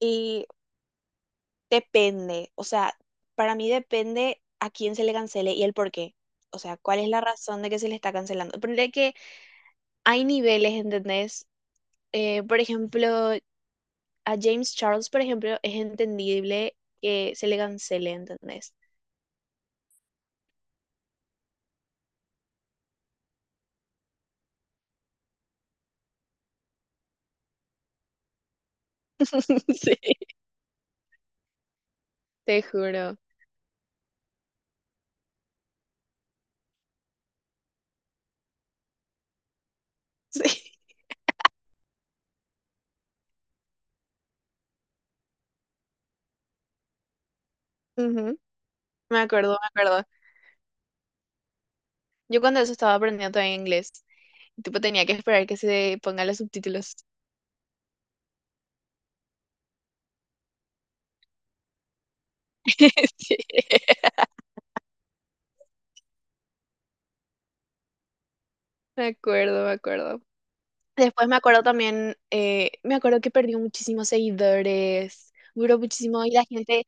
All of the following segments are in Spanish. Y depende, o sea, para mí depende a quién se le cancele y el por qué. O sea, cuál es la razón de que se le está cancelando. Ponele que hay niveles, ¿entendés? Por ejemplo, a James Charles, por ejemplo, es entendible que se le cancele, ¿entendés? Sí, te juro. Sí. Ujú. Me acuerdo, me acuerdo. Yo cuando eso estaba aprendiendo todavía inglés, y tipo tenía que esperar que se pongan los subtítulos. Sí, me acuerdo, me acuerdo. Después me acuerdo también, me acuerdo que perdió muchísimos seguidores, duró muchísimo y la gente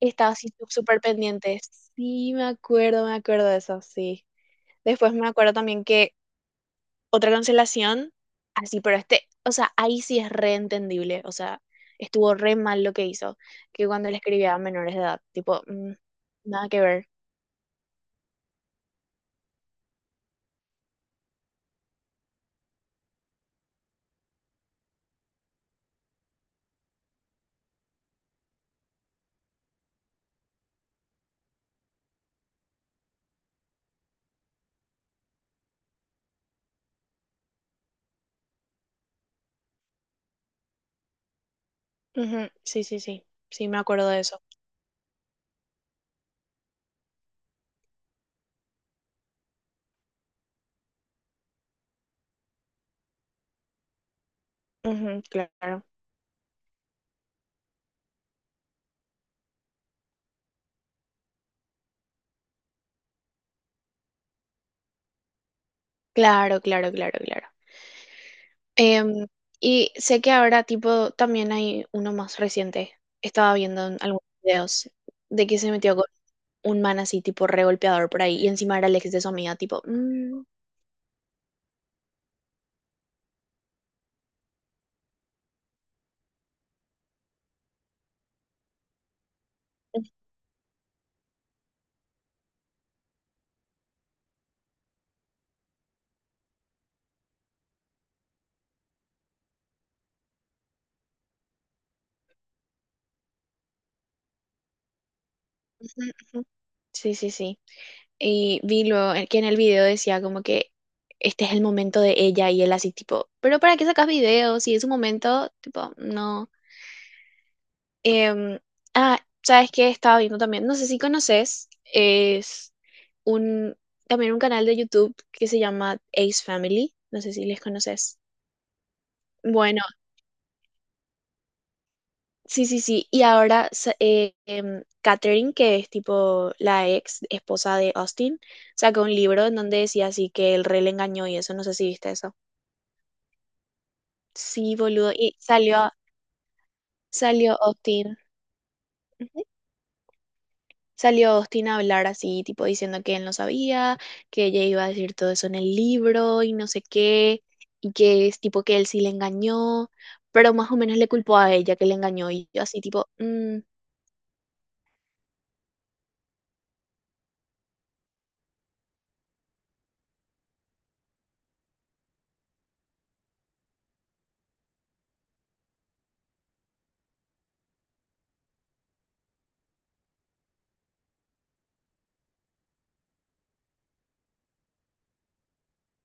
estaba así súper pendiente. Sí, me acuerdo de eso, sí. Después me acuerdo también que otra cancelación, así, pero este, o sea, ahí sí es reentendible, o sea, estuvo re mal lo que hizo, que cuando le escribía a menores de edad, tipo, mm, nada que ver. Ujú, sí, sí, sí, sí, me acuerdo de eso. Ujú, claro, claro, claro, claro, claro. Em, y sé que ahora, tipo, también hay uno más reciente. Estaba viendo en algunos videos de que se metió con un man así, tipo, re golpeador por ahí. Y encima era el ex de su amiga, tipo, mm, ujú, ujú. Sí, sí, sí. Que en el video decía como que este es el momento de ella y él así, tipo, pero ¿para qué sacas videos? Si es un momento, tipo, no. Em, ah, ¿sabes qué? Estaba viendo también, no sé si conoces, es un, también un canal de YouTube que se llama Ace Family, no sé si les conoces. Bueno, sí, sí, sí. Y ahora Catherine, que es tipo la ex esposa de Austin, sacó un libro en donde decía así que el rey le engañó y eso, no sé si viste eso. Sí, boludo. Salió Austin. Salió Austin a hablar así, tipo diciendo que él no sabía, que ella iba a decir todo eso en el libro y no sé qué, y que es tipo que él sí le engañó, pero más o menos le culpó a ella que le engañó y yo así tipo, "Mm,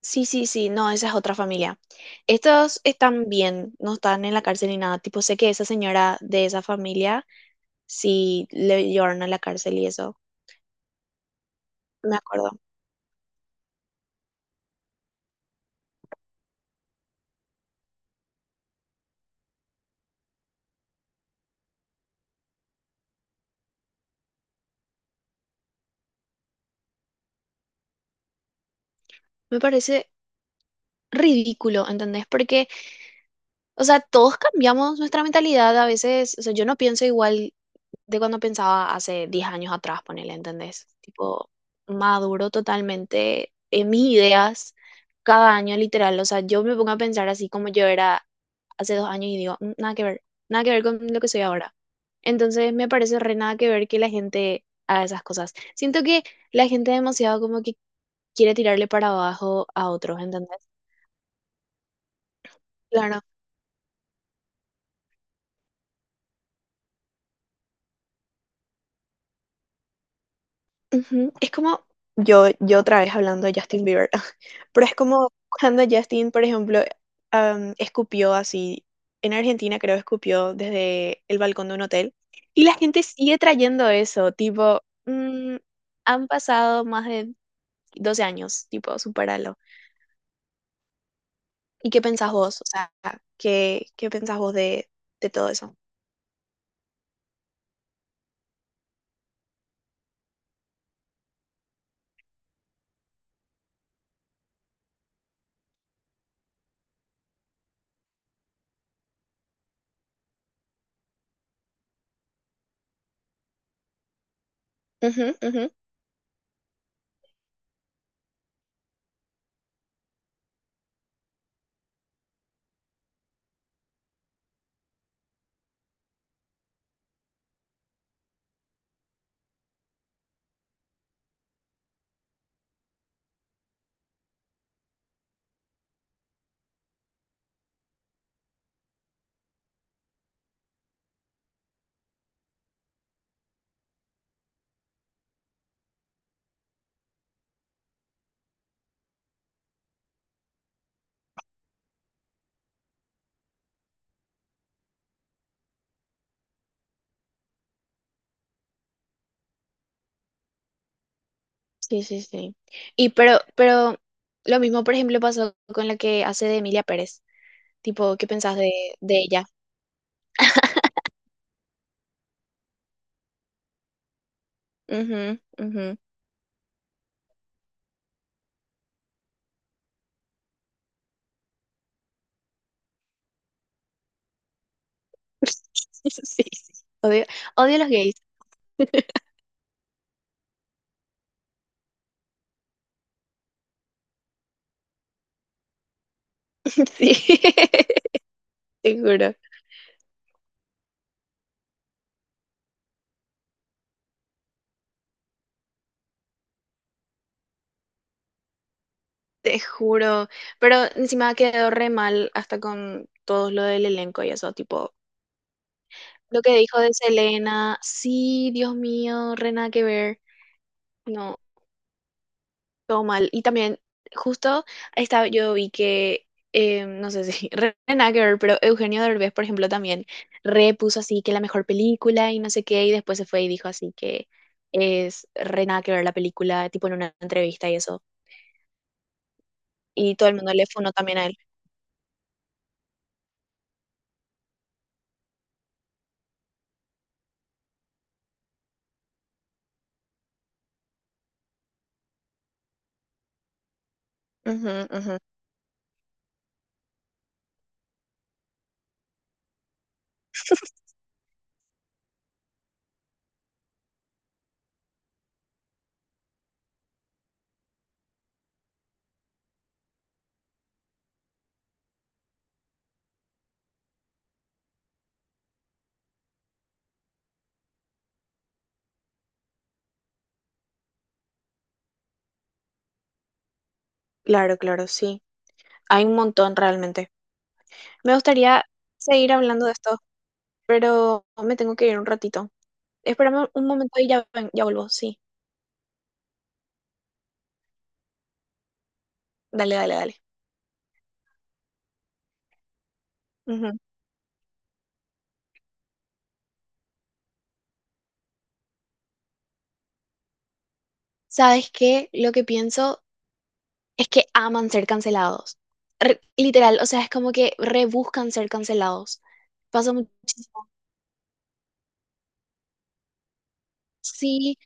sí, sí, sí, no, esa es otra familia. Estos están bien, no están en la cárcel ni nada, tipo sé que esa señora de esa familia sí le llevaron a la cárcel y eso, me acuerdo. Me parece ridículo, ¿entendés? Porque o sea, todos cambiamos nuestra mentalidad a veces. O sea, yo no pienso igual de cuando pensaba hace 10 años atrás, ponele, ¿entendés? Tipo, maduro totalmente en mis ideas cada año, literal. O sea, yo me pongo a pensar así como yo era hace 2 años y digo, "Mm, nada que ver, nada que ver con lo que soy ahora. Entonces, me parece re nada que ver que la gente haga esas cosas. Siento que la gente demasiado como que quiere tirarle para abajo a otros, ¿entendés? Claro. Ujú, es como, yo otra vez hablando de Justin Bieber, pero es como cuando Justin, por ejemplo, escupió así, en Argentina creo escupió desde el balcón de un hotel, y la gente sigue trayendo eso, tipo, mm, han pasado más de 12 años, tipo, supéralo. ¿Y qué pensás vos? O sea, ¿qué pensás vos de todo eso? Ujú, ujú. Sí, sí, sí. Pero lo mismo, por ejemplo, pasó con la que hace de Emilia Pérez. Tipo, ¿qué pensás de ella? Ujú, ujú. Sí, sí. Odio, odio a los gays. Sí, te juro, te juro. Pero encima quedó re mal hasta con todo lo del elenco y eso, tipo, lo que dijo de Selena, sí, Dios mío, re nada que ver. No. Todo mal. Y también, justo yo vi que, no sé si, re nada que ver, pero Eugenio Derbez, por ejemplo, también repuso así que la mejor película y no sé qué, y después se fue y dijo así que es re nada que ver la película, tipo en una entrevista y eso. Y todo el mundo le funó también a él. Ujú, ujú. Claro, claro, sí. Hay un montón realmente. Me gustaría seguir hablando de esto, pero me tengo que ir un ratito. Espérame un momento y ya, ya vuelvo. Sí, dale, dale, dale. Ujú. ¿Sabes qué? Lo que pienso es que aman ser cancelados. Literal, o sea, es como que rebuscan ser cancelados. Pasa muchísimo. Sí,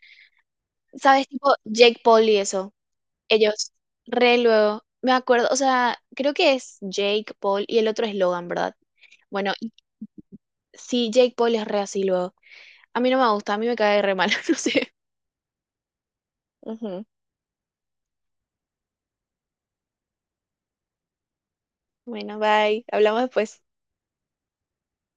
¿sabes? Tipo Jake Paul y eso. Ellos, re luego. Me acuerdo, o sea, creo que es Jake Paul y el otro es Logan, ¿verdad? Bueno, y- sí, Jake Paul es re así luego. A mí no me gusta, a mí me cae re mal, no sé. Ujú. Bueno, bye. Hablamos después.